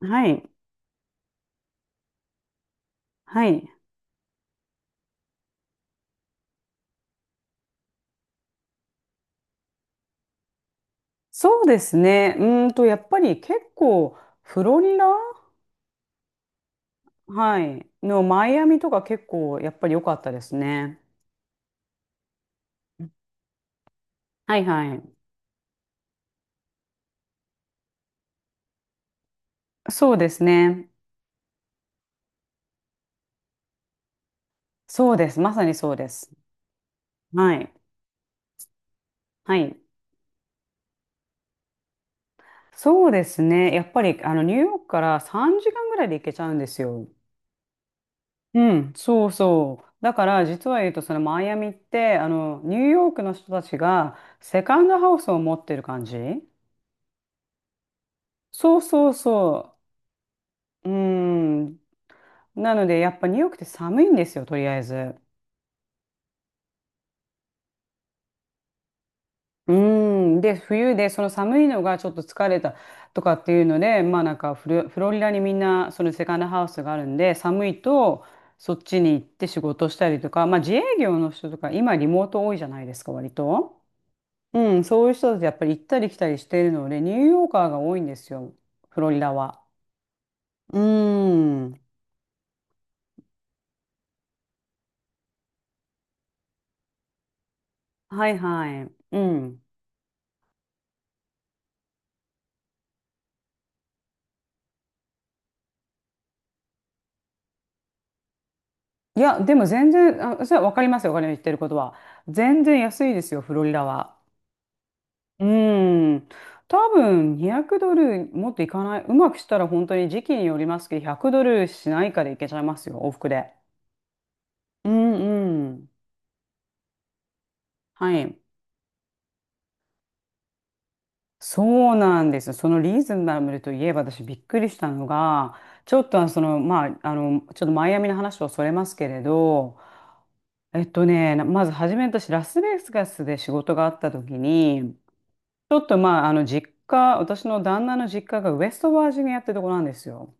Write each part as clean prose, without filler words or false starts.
はい。はい。そうですね。やっぱり結構、フロリダ、はい、のマイアミとか結構、やっぱり良かったですね。はいはい。そうですね。そうです。まさにそうです。はい。はい。そうですね。やっぱり、ニューヨークから3時間ぐらいで行けちゃうんですよ。うん、そうそう。だから実は言うとそのマイアミってあのニューヨークの人たちがセカンドハウスを持ってる感じ。そうそうそう。うーん。なので、やっぱニューヨークって寒いんですよ、とりあえず。うーん。で、冬で、その寒いのがちょっと疲れたとかっていうので、まあなんかフロリダにみんな、そのセカンドハウスがあるんで、寒いと、そっちに行って仕事したりとか、まあ自営業の人とか、今リモート多いじゃないですか、割と。うん、そういう人たちやっぱり行ったり来たりしているので、ニューヨーカーが多いんですよ、フロリダは。うーん。はいはい。うん。いや、でも全然、あ、それはわかりますよ、お金の言ってることは。全然安いですよ、フロリダは。うん。多分200ドルもっといかない。うまくしたら本当に時期によりますけど、100ドルしないかでいけちゃいますよ、往復で。うんうん。はい。そうなんですよ。そのリーズナブルといえば私びっくりしたのが、ちょっとまあ、ちょっとマイアミの話をそれますけれど、まず初め私ラスベガスで仕事があった時に、ちょっとまあ、実家、私の旦那の実家がウェストバージニアってとこなんですよ。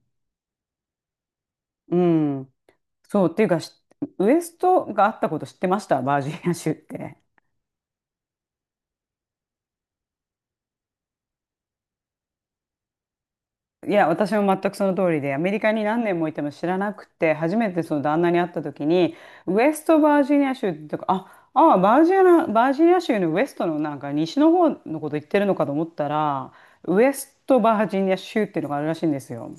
うん。そう、っていうか、ウエストがあったこと知ってました、バージニア州って？いや、私も全くその通りで、アメリカに何年もいても知らなくて、初めてその旦那に会った時に、ウエストバージニア州ってとか、あ、ああ、バージニア州のウエストのなんか西の方のこと言ってるのかと思ったら、ウエストバージニア州っていうのがあるらしいんですよ。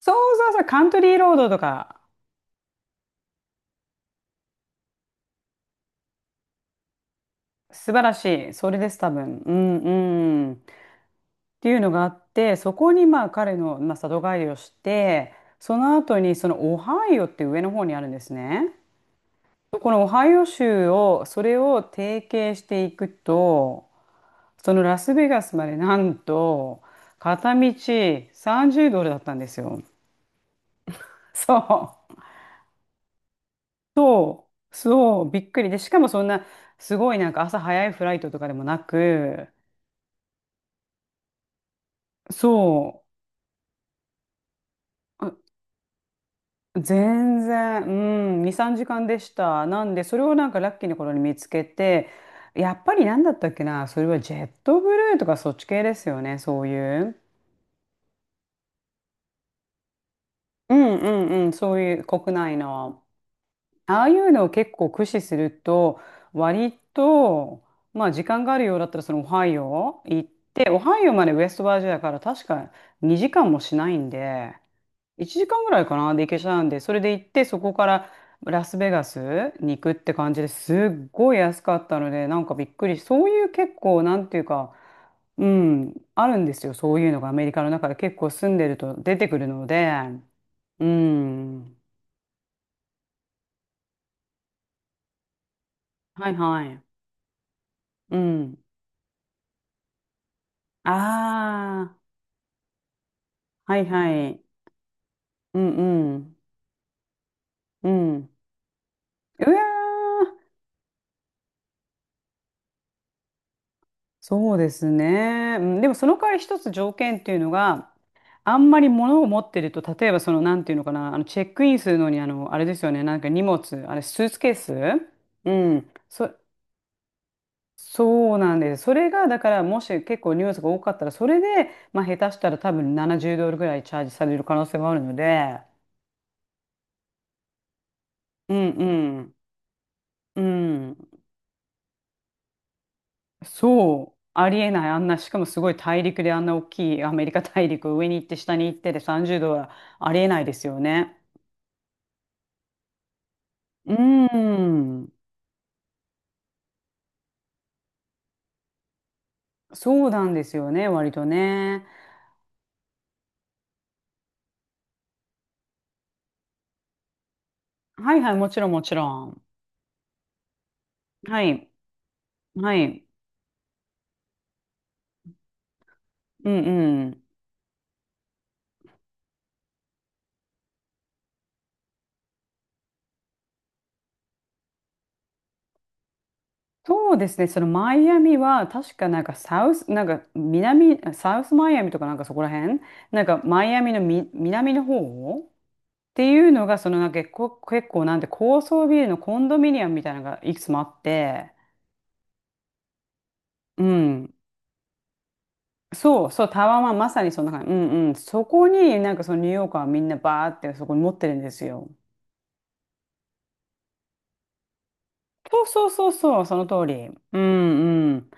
そうそうそう、カントリーロードとか。素晴らしい。それです、多分。うん、うん。っていうのがあって、そこにまあ彼の、まあ、里帰りをして、その後にそのオハイオって上の方にあるんですね。このオハイオ州を、それを提携していくと、そのラスベガスまでなんと、片道30ドルだったんですよ。そう。そう。そう。びっくり。で、しかもそんな、すごいなんか朝早いフライトとかでもなく、そう。全然、うん、2、3時間でした。なんで、それをなんかラッキーな頃に見つけて、やっぱりなんだったっけな、それはジェットブルーとかそっち系ですよね、そういう。うんうんうん、そういう国内の。ああいうのを結構駆使すると、割と、まあ時間があるようだったらそのオハイオ行って、オハイオまでウェストバージニアから確か2時間もしないんで、1時間ぐらいかなで行けちゃうんで、それで行って、そこからラスベガスに行くって感じですっごい安かったので、なんかびっくりそういう結構、なんていうか、うん、あるんですよ、そういうのがアメリカの中で結構住んでると出てくるので、うん、はいはい、うん、ああ、はいはい、うんうん、うん、うわー、そうですね。うんでもその代わり一つ条件っていうのが、あんまり物を持ってると、例えばなんていうのかな、チェックインするのに、あれですよね、なんか荷物、あれ、スーツケース。うん。そうなんです。それが、だから、もし結構荷物が多かったら、それで、まあ、下手したら多分70ドルぐらいチャージされる可能性もあるので、うんうん。うん。そう、ありえない、あんな、しかもすごい大陸であんな大きいアメリカ大陸を上に行って下に行ってで30度はありえないですよね。うーん、そうなんですよね、割とね。はいはい、もちろんもちろん。はい、はい、うんうん。そうですね、そのマイアミは確かなんかサウス、なんか南、サウスマイアミとかなんかそこら辺、なんかマイアミのみ南の方っていうのが、そのなんか結構なんて高層ビルのコンドミニアムみたいなのがいくつもあって、うん。そう、そう、タワーマンまさにそんな感じ。うんうん。そこになんかそのニューヨーカーはみんなバーってそこに持ってるんですよ。そうそうそうそう、その通り。うんうん。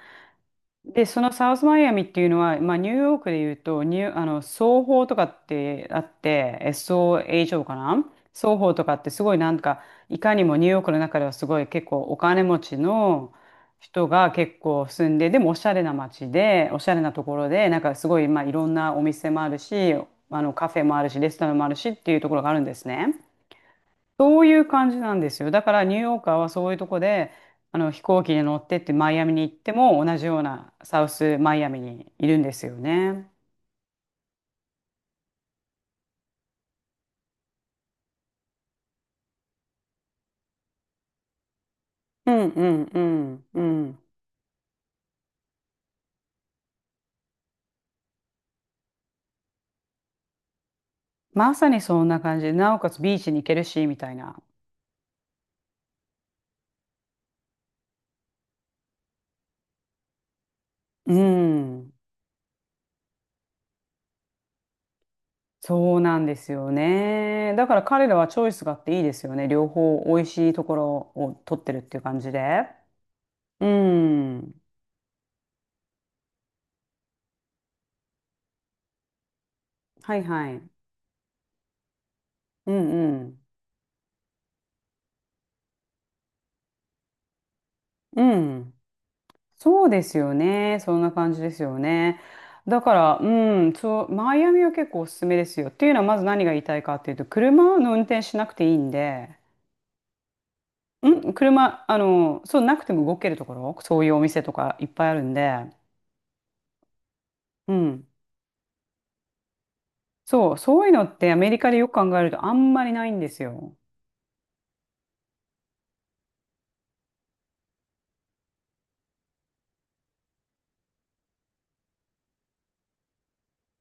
で、そのサウスマイアミっていうのは、まあ、ニューヨークで言うと、ニュー、あの、双方とかってあって、SOHO かな。双方とかってすごいなんか、いかにもニューヨークの中ではすごい結構お金持ちの人が結構住んで、でもおしゃれな街で、おしゃれなところで、なんかすごい、まあ、いろんなお店もあるし、カフェもあるし、レストランもあるしっていうところがあるんですね。そういう感じなんですよ。だからニューヨーカーはそういうとこで、あの飛行機に乗ってってマイアミに行っても同じようなサウスマイアミにいるんですよね。うんうんうんうん。まさにそんな感じで、なおかつビーチに行けるし、みたいな。うん。そうなんですよね。だから彼らはチョイスがあっていいですよね。両方美味しいところを取ってるっていう感じで。うん。はいはい。うんうん。うん。そうですよね。そんな感じですよね。だから、うん、そう、マイアミは結構おすすめですよ。っていうのは、まず何が言いたいかっていうと、車の運転しなくていいんで、車、そう、なくても動けるところ、そういうお店とかいっぱいあるんで、うん。そう、そういうのってアメリカでよく考えるとあんまりないんですよ。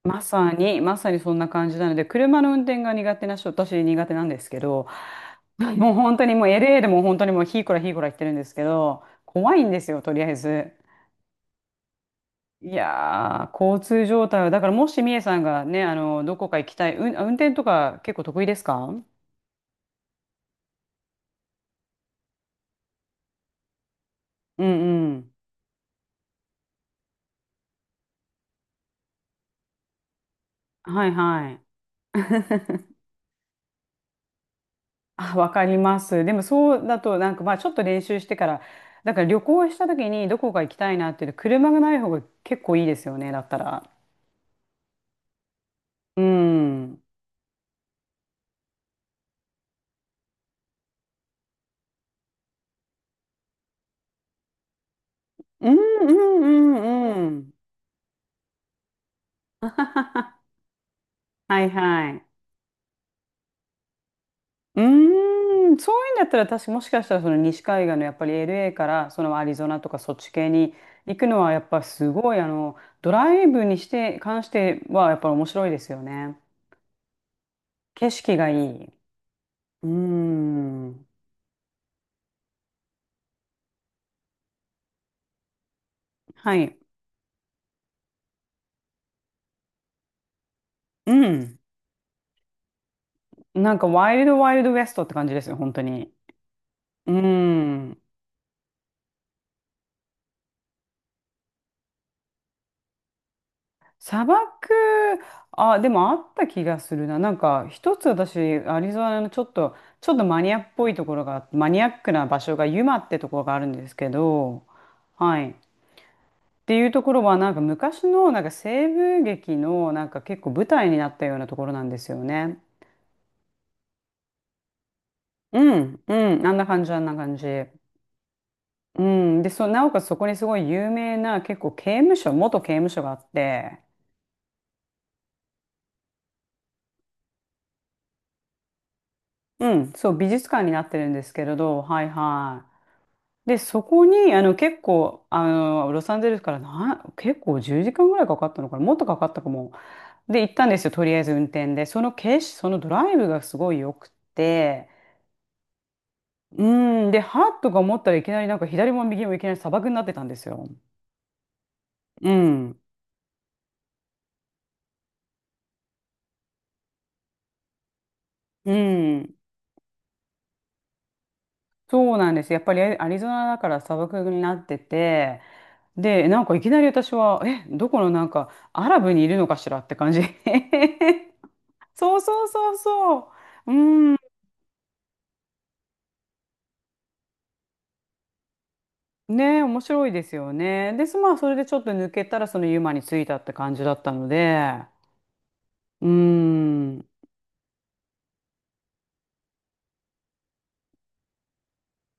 まさに、まさにそんな感じなので、車の運転が苦手な人、私苦手なんですけど、もう本当にもう LA でも本当にもうひーこらひーこら言ってるんですけど、怖いんですよ、とりあえず。いやー、交通状態は、だからもしみえさんがね、どこか行きたい、うん、運転とか結構得意ですか？うんうん。はいはい。あ、わかります。でもそうだと、なんかまあちょっと練習してから、だから旅行した時にどこか行きたいなっていうと車がない方が結構いいですよね、だったら。うん。うんうんうんうん。はいはい。うーん、そういうんだったら確かもしかしたらその西海岸のやっぱり LA からそのアリゾナとかそっち系に行くのはやっぱすごいあのドライブにして関してはやっぱり面白いですよね。景色がいい。うーん。はい。うん。なんかワイルドワイルドウエストって感じですよ、本当に。うーん。砂漠、あ、でもあった気がするな。なんか一つ私、アリゾナのちょっとマニアっぽいところがあって、マニアックな場所がユマってところがあるんですけど、はい。っていうところはなんか昔のなんか西部劇のなんか結構舞台になったようなところなんですよね。うん、うん、あんな感じ、あんな感じ。うん、で、そう、なおかつそこにすごい有名な結構刑務所、元刑務所があって、うん、そう、美術館になってるんですけれど、はいはい。で、そこに、結構、ロサンゼルスからな、結構10時間ぐらいかかったのかな、もっとかかったかも。で、行ったんですよ、とりあえず運転で。その景色、そのドライブがすごい良くて、うん、で、はっとか思ったらいきなりなんか左も右もいきなり砂漠になってたんですよ。うん、うん。そうなんです。やっぱりアリゾナだから砂漠になってて、で、なんかいきなり私は、え、どこのなんかアラブにいるのかしらって感じ。そうそうそうそう。うんねえ、面白いですよね。で、まあ、それでちょっと抜けたら、そのユマに着いたって感じだったので、うーん、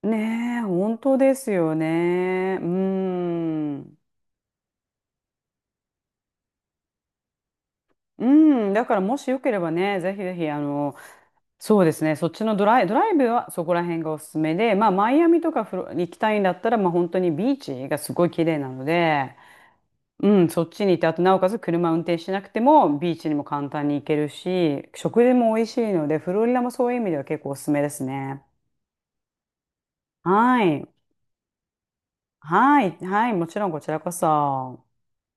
ねえ、本当ですよね。うーん、うん、だからもしよければね、ぜひぜひ、そうですね、そっちのドライブはそこら辺がおすすめで、まあ、マイアミとかフロ行きたいんだったら、まあ、本当にビーチがすごい綺麗なので、うん、そっちに行って、あとなおかつ車運転しなくてもビーチにも簡単に行けるし、食事も美味しいので、フロリダもそういう意味では結構おすすめですね。はい。はい。はい。もちろんこちらこそ。